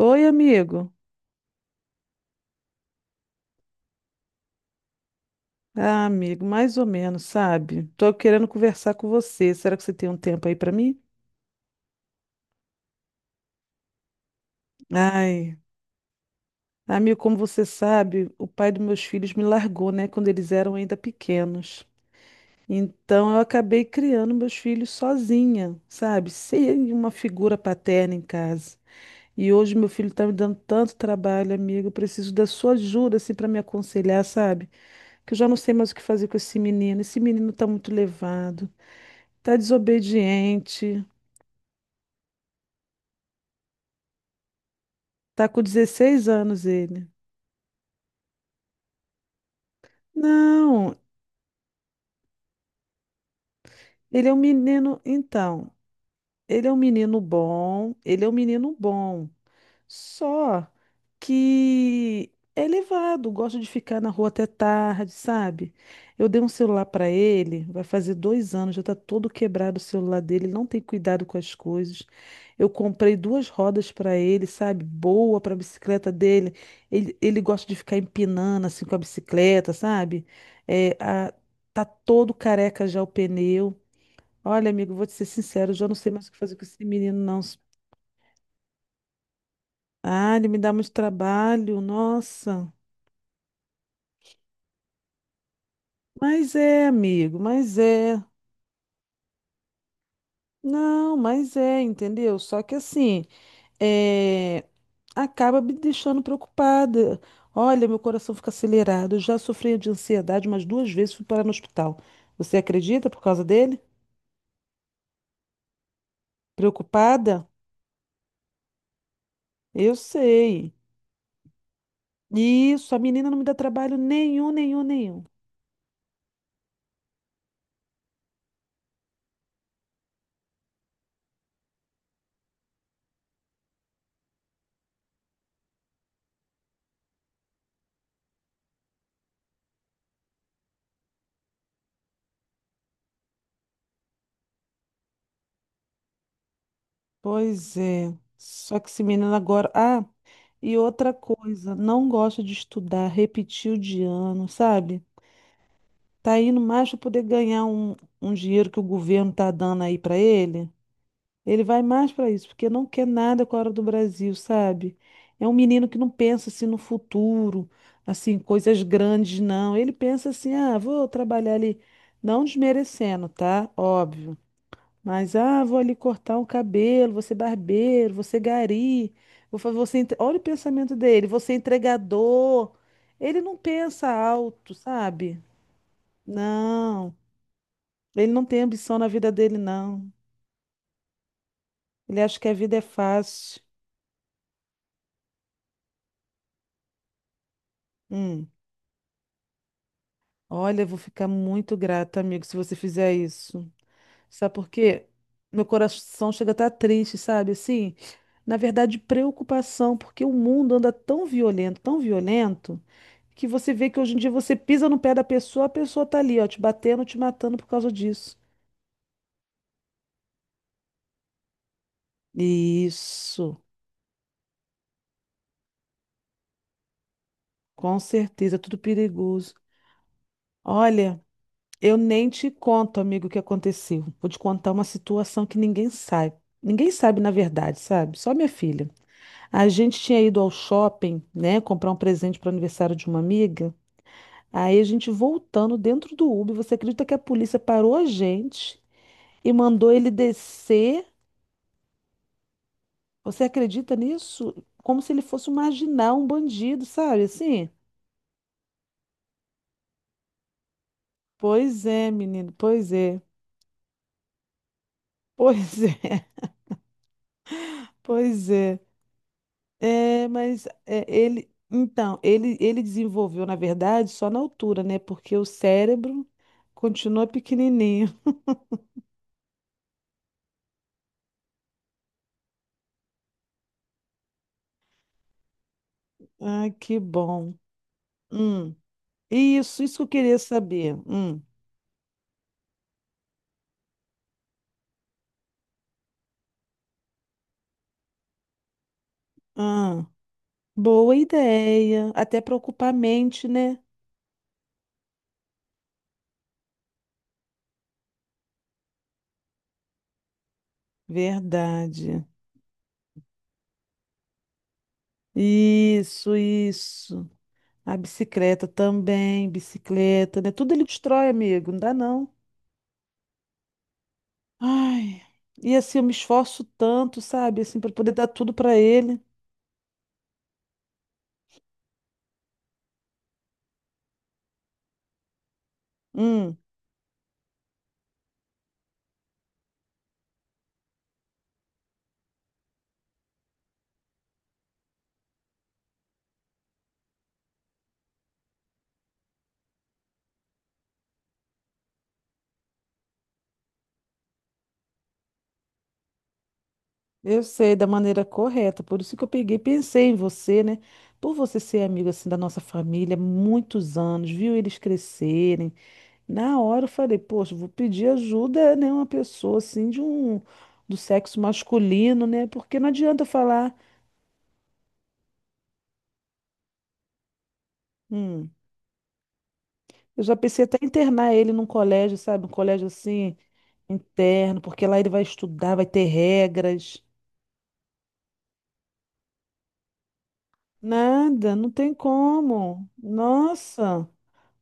Oi, amigo. Ah, amigo, mais ou menos, sabe? Tô querendo conversar com você. Será que você tem um tempo aí pra mim? Ai, amigo, como você sabe, o pai dos meus filhos me largou, né, quando eles eram ainda pequenos. Então eu acabei criando meus filhos sozinha, sabe? Sem uma figura paterna em casa. E hoje meu filho tá me dando tanto trabalho, amigo. Eu preciso da sua ajuda, assim, para me aconselhar, sabe? Que eu já não sei mais o que fazer com esse menino. Esse menino tá muito levado. Tá desobediente. Tá com 16 anos ele. Não, ele é um menino. Então, ele é um menino bom. Ele é um menino bom. Só que é levado, gosta de ficar na rua até tarde, sabe? Eu dei um celular para ele, vai fazer 2 anos, já tá todo quebrado o celular dele, ele não tem cuidado com as coisas. Eu comprei duas rodas para ele, sabe? Boa para bicicleta dele. Ele gosta de ficar empinando assim com a bicicleta, sabe? É, tá todo careca já o pneu. Olha, amigo, vou te ser sincero, eu já não sei mais o que fazer com esse menino, não. Ah, ele me dá muito trabalho, nossa. Mas é, amigo, mas é. Não, mas é, entendeu? Só que assim, é, acaba me deixando preocupada. Olha, meu coração fica acelerado. Eu já sofri de ansiedade umas duas vezes, fui parar no hospital. Você acredita por causa dele? Preocupada? Eu sei. Isso, a menina não me dá trabalho nenhum, nenhum, nenhum. Pois é. Só que esse menino agora. Ah, e outra coisa, não gosta de estudar, repetiu de ano, sabe? Tá indo mais para poder ganhar um, um dinheiro que o governo tá dando aí para ele. Ele vai mais para isso, porque não quer nada com a hora do Brasil, sabe? É um menino que não pensa assim no futuro, assim, coisas grandes, não. Ele pensa assim, ah, vou trabalhar ali, não desmerecendo, tá? Óbvio. Mas, ah, vou ali cortar um cabelo, vou ser barbeiro, vou ser gari, vou fazer você. Olha o pensamento dele, você entregador. Ele não pensa alto, sabe? Não, ele não tem ambição na vida dele, não. Ele acha que a vida é fácil. Hum. Olha, eu vou ficar muito grata, amigo, se você fizer isso. Sabe por quê? Meu coração chega a estar triste, sabe? Assim, na verdade, preocupação, porque o mundo anda tão violento, tão violento. Que você vê que hoje em dia você pisa no pé da pessoa, a pessoa tá ali, ó, te batendo, te matando por causa disso. Isso, com certeza, é tudo perigoso. Olha, eu nem te conto, amigo, o que aconteceu. Vou te contar uma situação que ninguém sabe. Ninguém sabe, na verdade, sabe? Só minha filha. A gente tinha ido ao shopping, né, comprar um presente para o aniversário de uma amiga. Aí a gente voltando dentro do Uber, você acredita que a polícia parou a gente e mandou ele descer? Você acredita nisso? Como se ele fosse um marginal, um bandido, sabe? Assim? Pois é, menino, pois é, pois é. É, mas é, ele. Então, ele desenvolveu, na verdade, só na altura, né? Porque o cérebro continua pequenininho. Ah, que bom. Hum. Isso que eu queria saber. Hum. Ah, boa ideia. Até para ocupar a mente, né? Verdade. Isso, isso. A bicicleta também, bicicleta, né? Tudo ele destrói, amigo, não dá não. Ai, e assim, eu me esforço tanto, sabe? Assim, para poder dar tudo para ele. Hum, eu sei, da maneira correta. Por isso que eu peguei, e pensei em você, né? Por você ser amigo, assim, da nossa família, há muitos anos, viu eles crescerem. Na hora eu falei, poxa, eu vou pedir ajuda, né? Uma pessoa, assim, de um... do sexo masculino, né? Porque não adianta eu falar. Hum. Eu já pensei até em internar ele num colégio, sabe? Um colégio assim, interno, porque lá ele vai estudar, vai ter regras. Nada, não tem como. Nossa,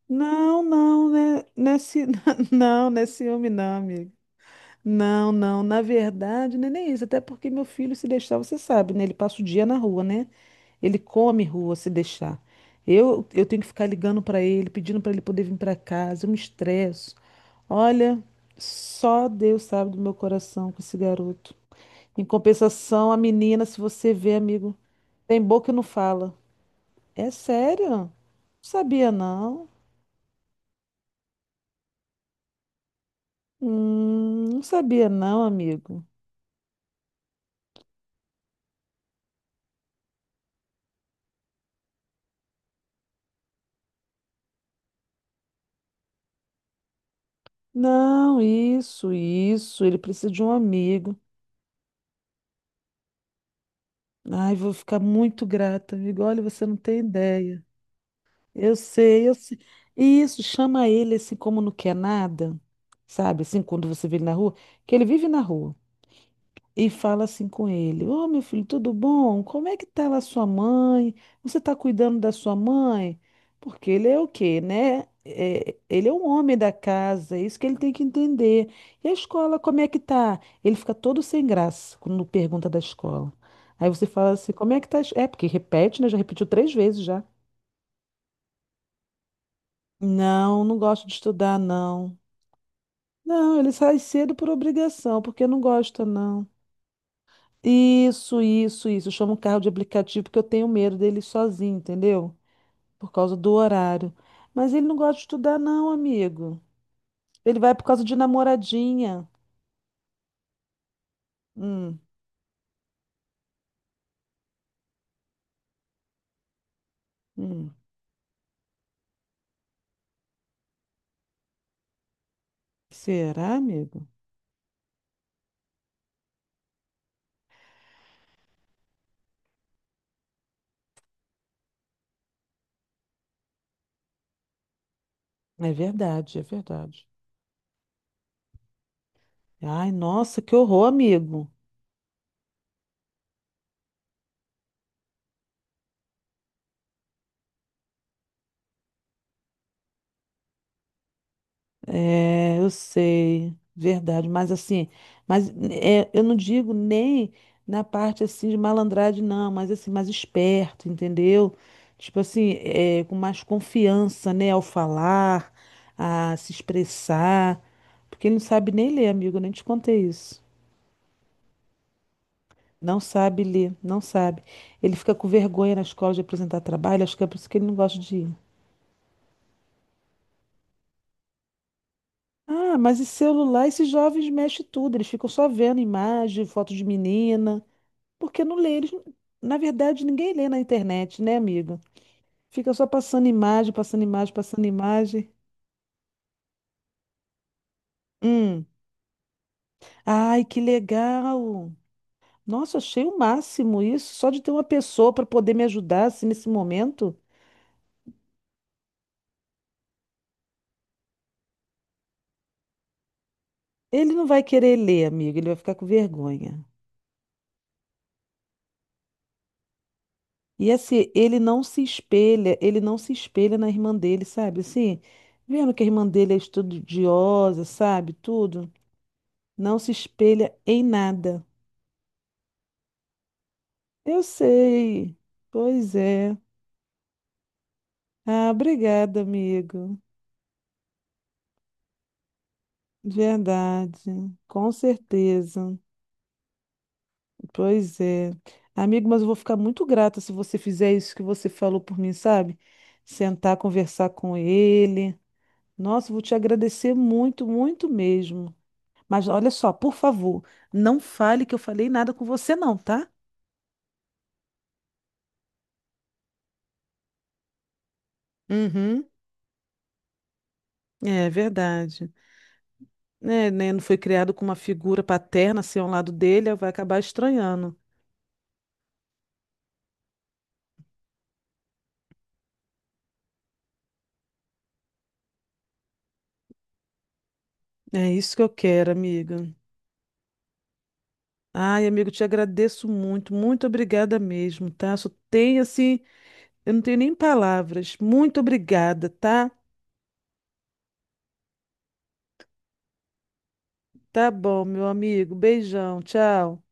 não, não, né? Nesse, não, nesse homem, não, amiga. Não, não, na verdade, não é nem isso, até porque meu filho, se deixar, você sabe, né? Ele passa o dia na rua, né? Ele come rua se deixar. Eu tenho que ficar ligando para ele, pedindo para ele poder vir para casa, eu me estresso. Olha, só Deus sabe do meu coração com esse garoto. Em compensação, a menina, se você vê, amigo, tem boca e não fala. É sério? Não sabia não. Não sabia não, amigo. Não, isso, isso. Ele precisa de um amigo. Ai, vou ficar muito grata, amigo. Olha, você não tem ideia. Eu sei, eu sei. Isso, chama ele assim como não quer nada, sabe? Assim, quando você vê ele na rua, que ele vive na rua. E fala assim com ele: Ô meu filho, tudo bom? Como é que tá lá sua mãe? Você tá cuidando da sua mãe? Porque ele é o quê, né? É, ele é um homem da casa, é isso que ele tem que entender. E a escola, como é que tá? Ele fica todo sem graça quando pergunta da escola. Aí você fala assim: como é que tá? É, porque repete, né? Já repetiu três vezes já. Não, não gosto de estudar, não. Não, ele sai cedo por obrigação, porque não gosta, não. Isso, isso, isso. Eu chamo o carro de aplicativo porque eu tenho medo dele sozinho, entendeu? Por causa do horário. Mas ele não gosta de estudar, não, amigo. Ele vai por causa de namoradinha. Hum, hum. Será, amigo? É verdade, é verdade. Ai, nossa, que horror, amigo. É, eu sei, verdade, mas assim, mas é, eu não digo nem na parte assim de malandragem, não, mas assim, mais esperto, entendeu? Tipo assim, é, com mais confiança, né, ao falar, a se expressar, porque ele não sabe nem ler, amigo, eu nem te contei isso. Não sabe ler, não sabe. Ele fica com vergonha na escola de apresentar trabalho, acho que é por isso que ele não gosta de ir. Ah, mas e celular, esses jovens mexem tudo, eles ficam só vendo imagem, foto de menina. Porque não lê, eles, na verdade, ninguém lê na internet, né, amigo? Fica só passando imagem, passando imagem, passando imagem. Hum. Ai, que legal! Nossa, achei o máximo isso, só de ter uma pessoa para poder me ajudar assim, nesse momento. Ele não vai querer ler, amigo, ele vai ficar com vergonha. E assim, ele não se espelha, ele não se espelha na irmã dele, sabe? Assim, vendo que a irmã dele é estudiosa, sabe? Tudo, não se espelha em nada. Eu sei. Pois é. Ah, obrigada, amigo. Verdade. Com certeza. Pois é. Amigo, mas eu vou ficar muito grata se você fizer isso que você falou por mim, sabe? Sentar, conversar com ele. Nossa, eu vou te agradecer muito, muito mesmo. Mas olha só, por favor, não fale que eu falei nada com você, não, tá? Uhum. É verdade. É, né, não foi criado com uma figura paterna, assim, ao lado dele, vai acabar estranhando. É isso que eu quero, amiga. Ai, amigo, te agradeço muito, muito obrigada mesmo, tá? Só tem assim, eu não tenho nem palavras. Muito obrigada, tá? Tá bom, meu amigo. Beijão, tchau.